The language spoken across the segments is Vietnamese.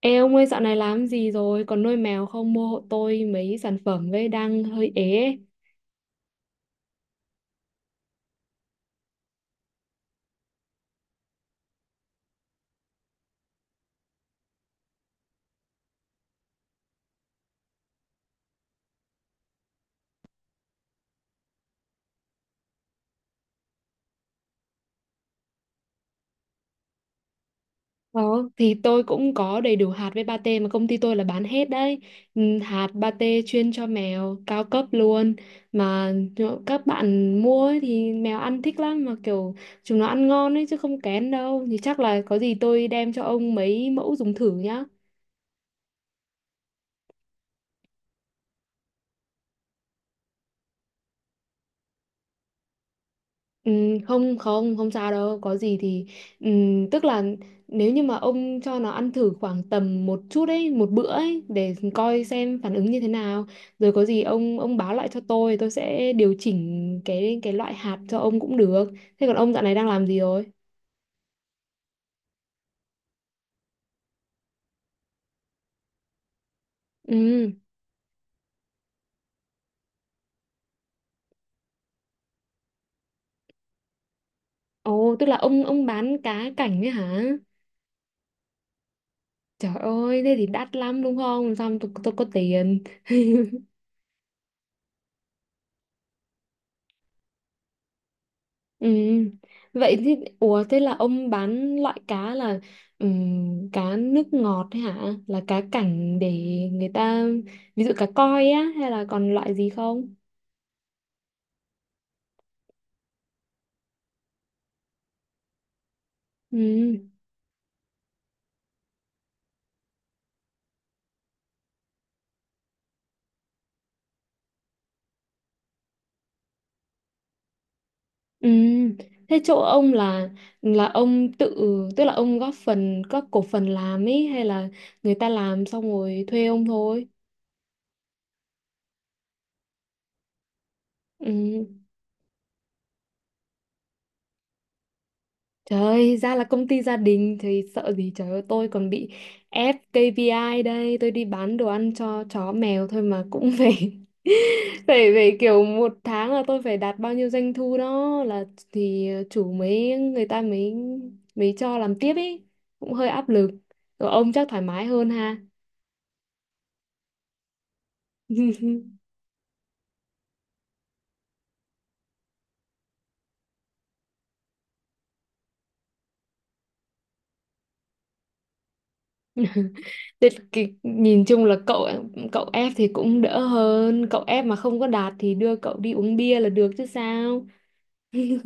Ê ông ơi, dạo này làm gì rồi? Còn nuôi mèo không? Mua hộ tôi mấy sản phẩm với, đang hơi ế ấy. Đó, thì tôi cũng có đầy đủ hạt với pate mà công ty tôi là bán hết đấy. Ừ, hạt pate chuyên cho mèo cao cấp luôn. Mà nhỡ các bạn mua ấy, thì mèo ăn thích lắm. Mà kiểu chúng nó ăn ngon ấy chứ không kén đâu. Thì chắc là có gì tôi đem cho ông mấy mẫu dùng thử nhá. Ừ, không không không sao đâu, có gì thì ừ, tức là nếu như mà ông cho nó ăn thử khoảng tầm một chút ấy, một bữa ấy, để coi xem phản ứng như thế nào, rồi có gì ông báo lại cho tôi sẽ điều chỉnh cái loại hạt cho ông cũng được. Thế còn ông dạo này đang làm gì rồi? Ừ. Ồ, tức là ông bán cá cảnh ấy hả? Trời ơi, thế thì đắt lắm đúng không, làm sao tôi có tiền. Ừ. Vậy thì, ủa, thế là ông bán loại cá là cá nước ngọt ấy hả? Là cá cảnh để người ta, ví dụ cá koi á, hay là còn loại gì không? Ừ. Ừ. Thế chỗ ông là ông tự, tức là ông góp phần, góp cổ phần làm ấy, hay là người ta làm xong rồi thuê ông thôi? Ừ. Trời ơi, ra là công ty gia đình thì sợ gì. Trời ơi, tôi còn bị ép KPI đây, tôi đi bán đồ ăn cho chó mèo thôi mà cũng phải phải phải kiểu một tháng là tôi phải đạt bao nhiêu doanh thu đó, là thì chủ mới người ta mới, mới cho làm tiếp ấy, cũng hơi áp lực. Rồi ông chắc thoải mái hơn ha. Thế cái, nhìn chung là cậu cậu ép thì cũng đỡ hơn, cậu ép mà không có đạt thì đưa cậu đi uống bia là được chứ sao.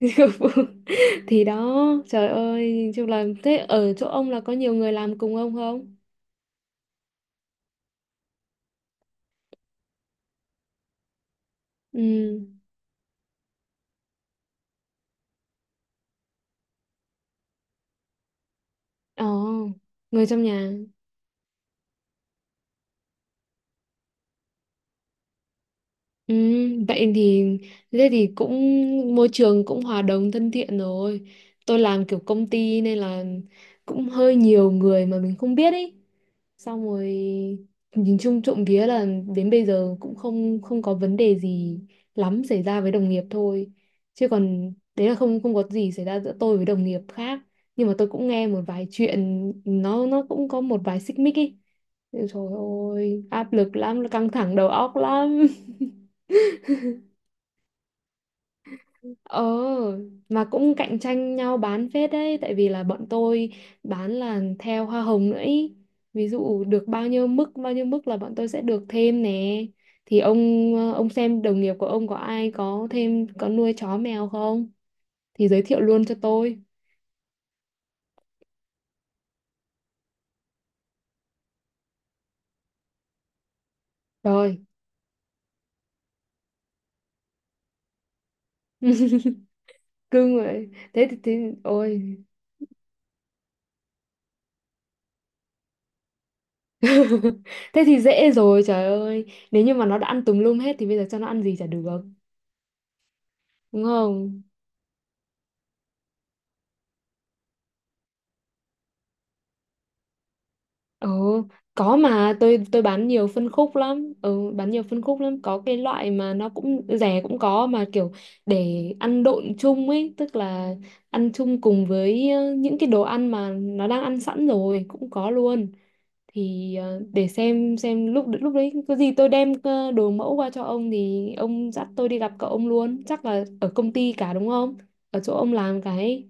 Thì đó, trời ơi, chung là thế. Ở chỗ ông là có nhiều người làm cùng ông không? Ừ. Ồ, người trong nhà. Ừ, vậy thì, thế thì cũng, môi trường cũng hòa đồng thân thiện rồi. Tôi làm kiểu công ty nên là cũng hơi nhiều người mà mình không biết ý. Xong rồi nhìn chung trộm vía là đến bây giờ cũng không không có vấn đề gì lắm xảy ra với đồng nghiệp thôi, chứ còn đấy là không không có gì xảy ra giữa tôi với đồng nghiệp khác. Nhưng mà tôi cũng nghe một vài chuyện, nó cũng có một vài xích mích ý. Trời ơi, áp lực lắm, căng thẳng đầu óc lắm. Ờ, mà cũng cạnh tranh nhau bán phết đấy, tại vì là bọn tôi bán là theo hoa hồng nữa ý. Ví dụ được bao nhiêu mức là bọn tôi sẽ được thêm nè. Thì ông, ông xem đồng nghiệp của ông có ai có thêm, có nuôi chó mèo không? Thì giới thiệu luôn cho tôi. Rồi, cưng rồi. Thế thì ôi. Thế thì dễ rồi, trời ơi. Nếu như mà nó đã ăn tùm lum hết thì bây giờ cho nó ăn gì chả được, đúng không? Ừ, có mà tôi bán nhiều phân khúc lắm. Ừ, bán nhiều phân khúc lắm. Có cái loại mà nó cũng rẻ cũng có, mà kiểu để ăn độn chung ấy, tức là ăn chung cùng với những cái đồ ăn mà nó đang ăn sẵn rồi, cũng có luôn. Thì để xem lúc lúc đấy có gì tôi đem đồ mẫu qua cho ông, thì ông dắt tôi đi gặp cậu ông luôn. Chắc là ở công ty cả đúng không? Ở chỗ ông làm cái.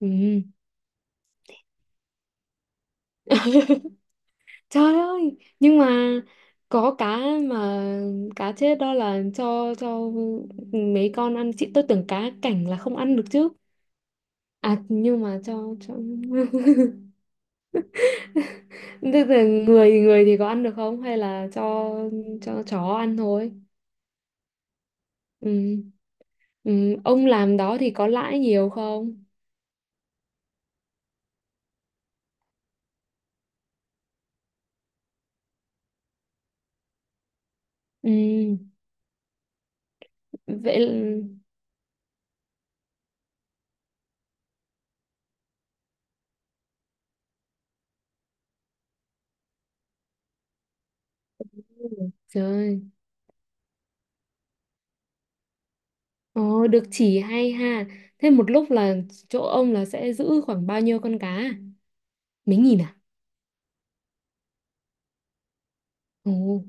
Ừ. Trời ơi, nhưng mà có cá mà, cá chết đó là cho mấy con ăn, chị tôi tưởng cá cảnh là không ăn được chứ. À nhưng mà cho thế là người, người thì có ăn được không hay là cho chó ăn thôi? Ừ. Ừ. Ông làm đó thì có lãi nhiều không? Ừ. Vậy là, trời ơi. Ồ, được chỉ hay ha. Thế một lúc là chỗ ông là sẽ giữ khoảng bao nhiêu con cá? Mấy nghìn à? Ồ.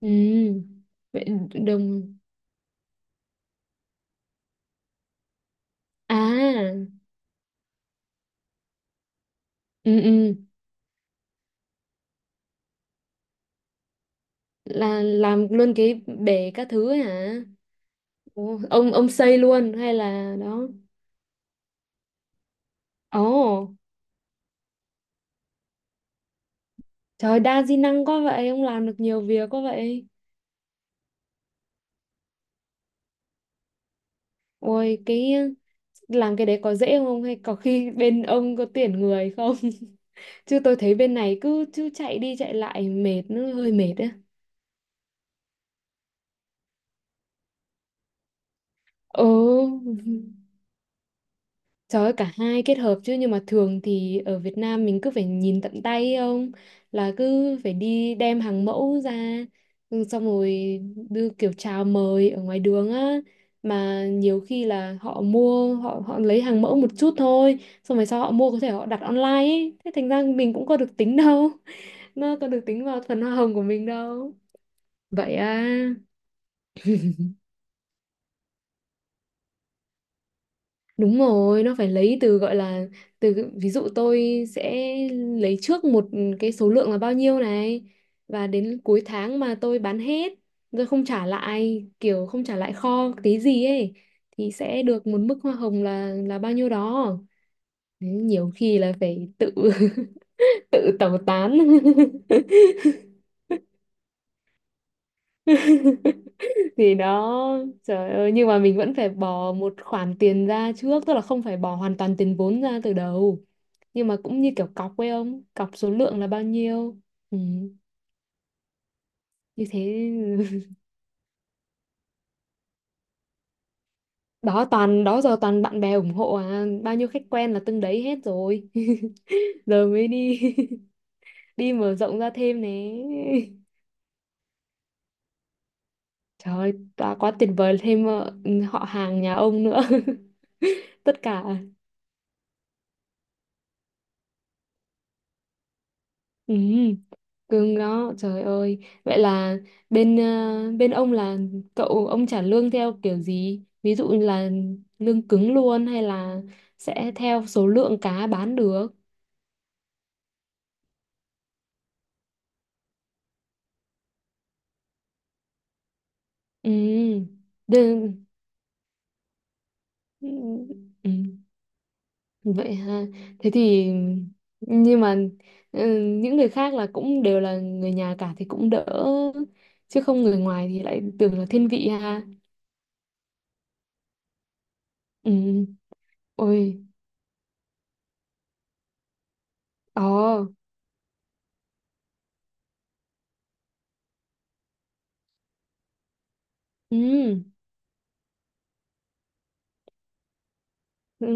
Ừ. Vậy đồng à, ừ, ừ, là làm luôn cái bể các thứ hả? Ồ, ông xây luôn hay là đó? Ồ, trời, đa di năng quá vậy, ông làm được nhiều việc quá vậy. Ôi cái, làm cái đấy có dễ không, hay có khi bên ông có tuyển người không? Chứ tôi thấy bên này cứ cứ chạy đi chạy lại mệt, nó hơi mệt á. Ồ. Trời ơi, cả hai kết hợp chứ, nhưng mà thường thì ở Việt Nam mình cứ phải nhìn tận tay, không là cứ phải đi đem hàng mẫu ra, ừ, xong rồi đưa kiểu chào mời ở ngoài đường á. Mà nhiều khi là họ mua, họ họ lấy hàng mẫu một chút thôi, xong rồi sau họ mua có thể họ đặt online ấy. Thế thành ra mình cũng có được tính đâu, nó có được tính vào phần hoa hồng của mình đâu. Vậy à. Đúng rồi, nó phải lấy từ, gọi là, từ ví dụ tôi sẽ lấy trước một cái số lượng là bao nhiêu này, và đến cuối tháng mà tôi bán hết rồi không trả lại, kiểu không trả lại kho tí gì ấy, thì sẽ được một mức hoa hồng là bao nhiêu đó. Đấy, nhiều khi là phải tự tự tẩu tán. Thì đó, trời ơi, nhưng mà mình vẫn phải bỏ một khoản tiền ra trước, tức là không phải bỏ hoàn toàn tiền vốn ra từ đầu, nhưng mà cũng như kiểu cọc ấy, ông cọc số lượng là bao nhiêu, ừ, như thế. Đó, toàn, đó giờ toàn bạn bè ủng hộ à, bao nhiêu khách quen là từng đấy hết rồi. Giờ mới đi đi mở rộng ra thêm nè. Trời ơi, đã quá, tuyệt vời, thêm họ hàng nhà ông nữa. Tất cả. Ừ. Cưng đó, trời ơi. Vậy là bên, bên ông là cậu ông trả lương theo kiểu gì, ví dụ như là lương cứng luôn, hay là sẽ theo số lượng cá bán được? Ừ đơn. Ừ. Ừ. Vậy ha. Thế thì, nhưng mà, ừ, những người khác là cũng đều là người nhà cả thì cũng đỡ, chứ không người ngoài thì lại tưởng là thiên vị ha. Ừ. Ôi. Ồ. Ừ. Ừ,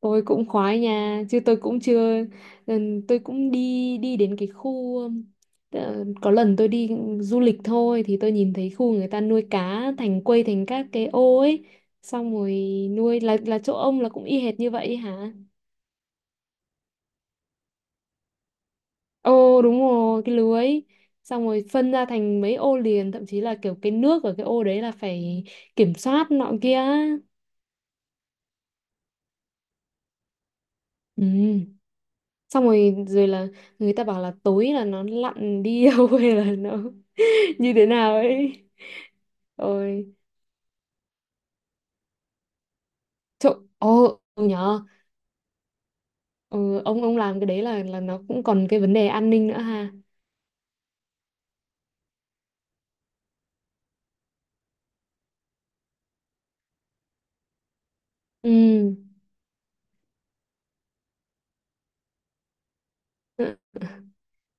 tôi cũng khoái nha, chứ tôi cũng chưa, ừ, tôi cũng đi đi đến cái khu, có lần tôi đi du lịch thôi thì tôi nhìn thấy khu người ta nuôi cá thành quây thành các cái ô ấy, xong rồi nuôi, là chỗ ông là cũng y hệt như vậy hả? Ồ, đúng rồi, cái lưới. Xong rồi phân ra thành mấy ô liền, thậm chí là kiểu cái nước ở cái ô đấy là phải kiểm soát nọ kia. Ừ. Xong rồi, rồi là người ta bảo là tối là nó lặn đi đâu, hay là nó như thế nào ấy. Ôi, trộn ô, ừ nhờ. Ừ, ông làm cái đấy là nó cũng còn cái vấn đề an ninh nữa ha. Ừ. Ừ,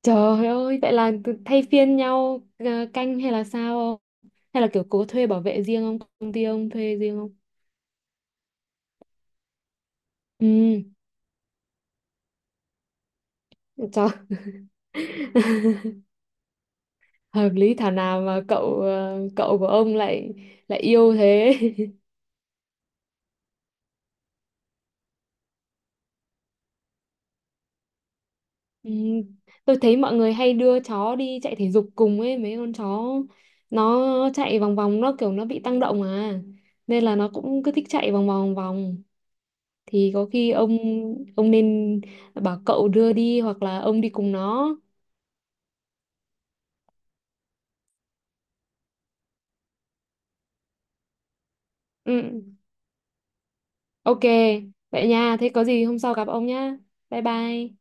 trời ơi, vậy là cứ thay phiên nhau canh hay là sao không? Hay là kiểu cố thuê bảo vệ riêng không, công ty ông thuê riêng không? Ừ. Trời. Hợp lý, thảo nào mà cậu, cậu của ông lại, lại yêu thế. Ừ, tôi thấy mọi người hay đưa chó đi chạy thể dục cùng ấy, mấy con chó nó chạy vòng vòng, nó kiểu nó bị tăng động à, nên là nó cũng cứ thích chạy vòng vòng vòng. Thì có khi ông nên bảo cậu đưa đi hoặc là ông đi cùng nó. Ừ. OK. Vậy nha, thế có gì hôm sau gặp ông nhá. Bye bye.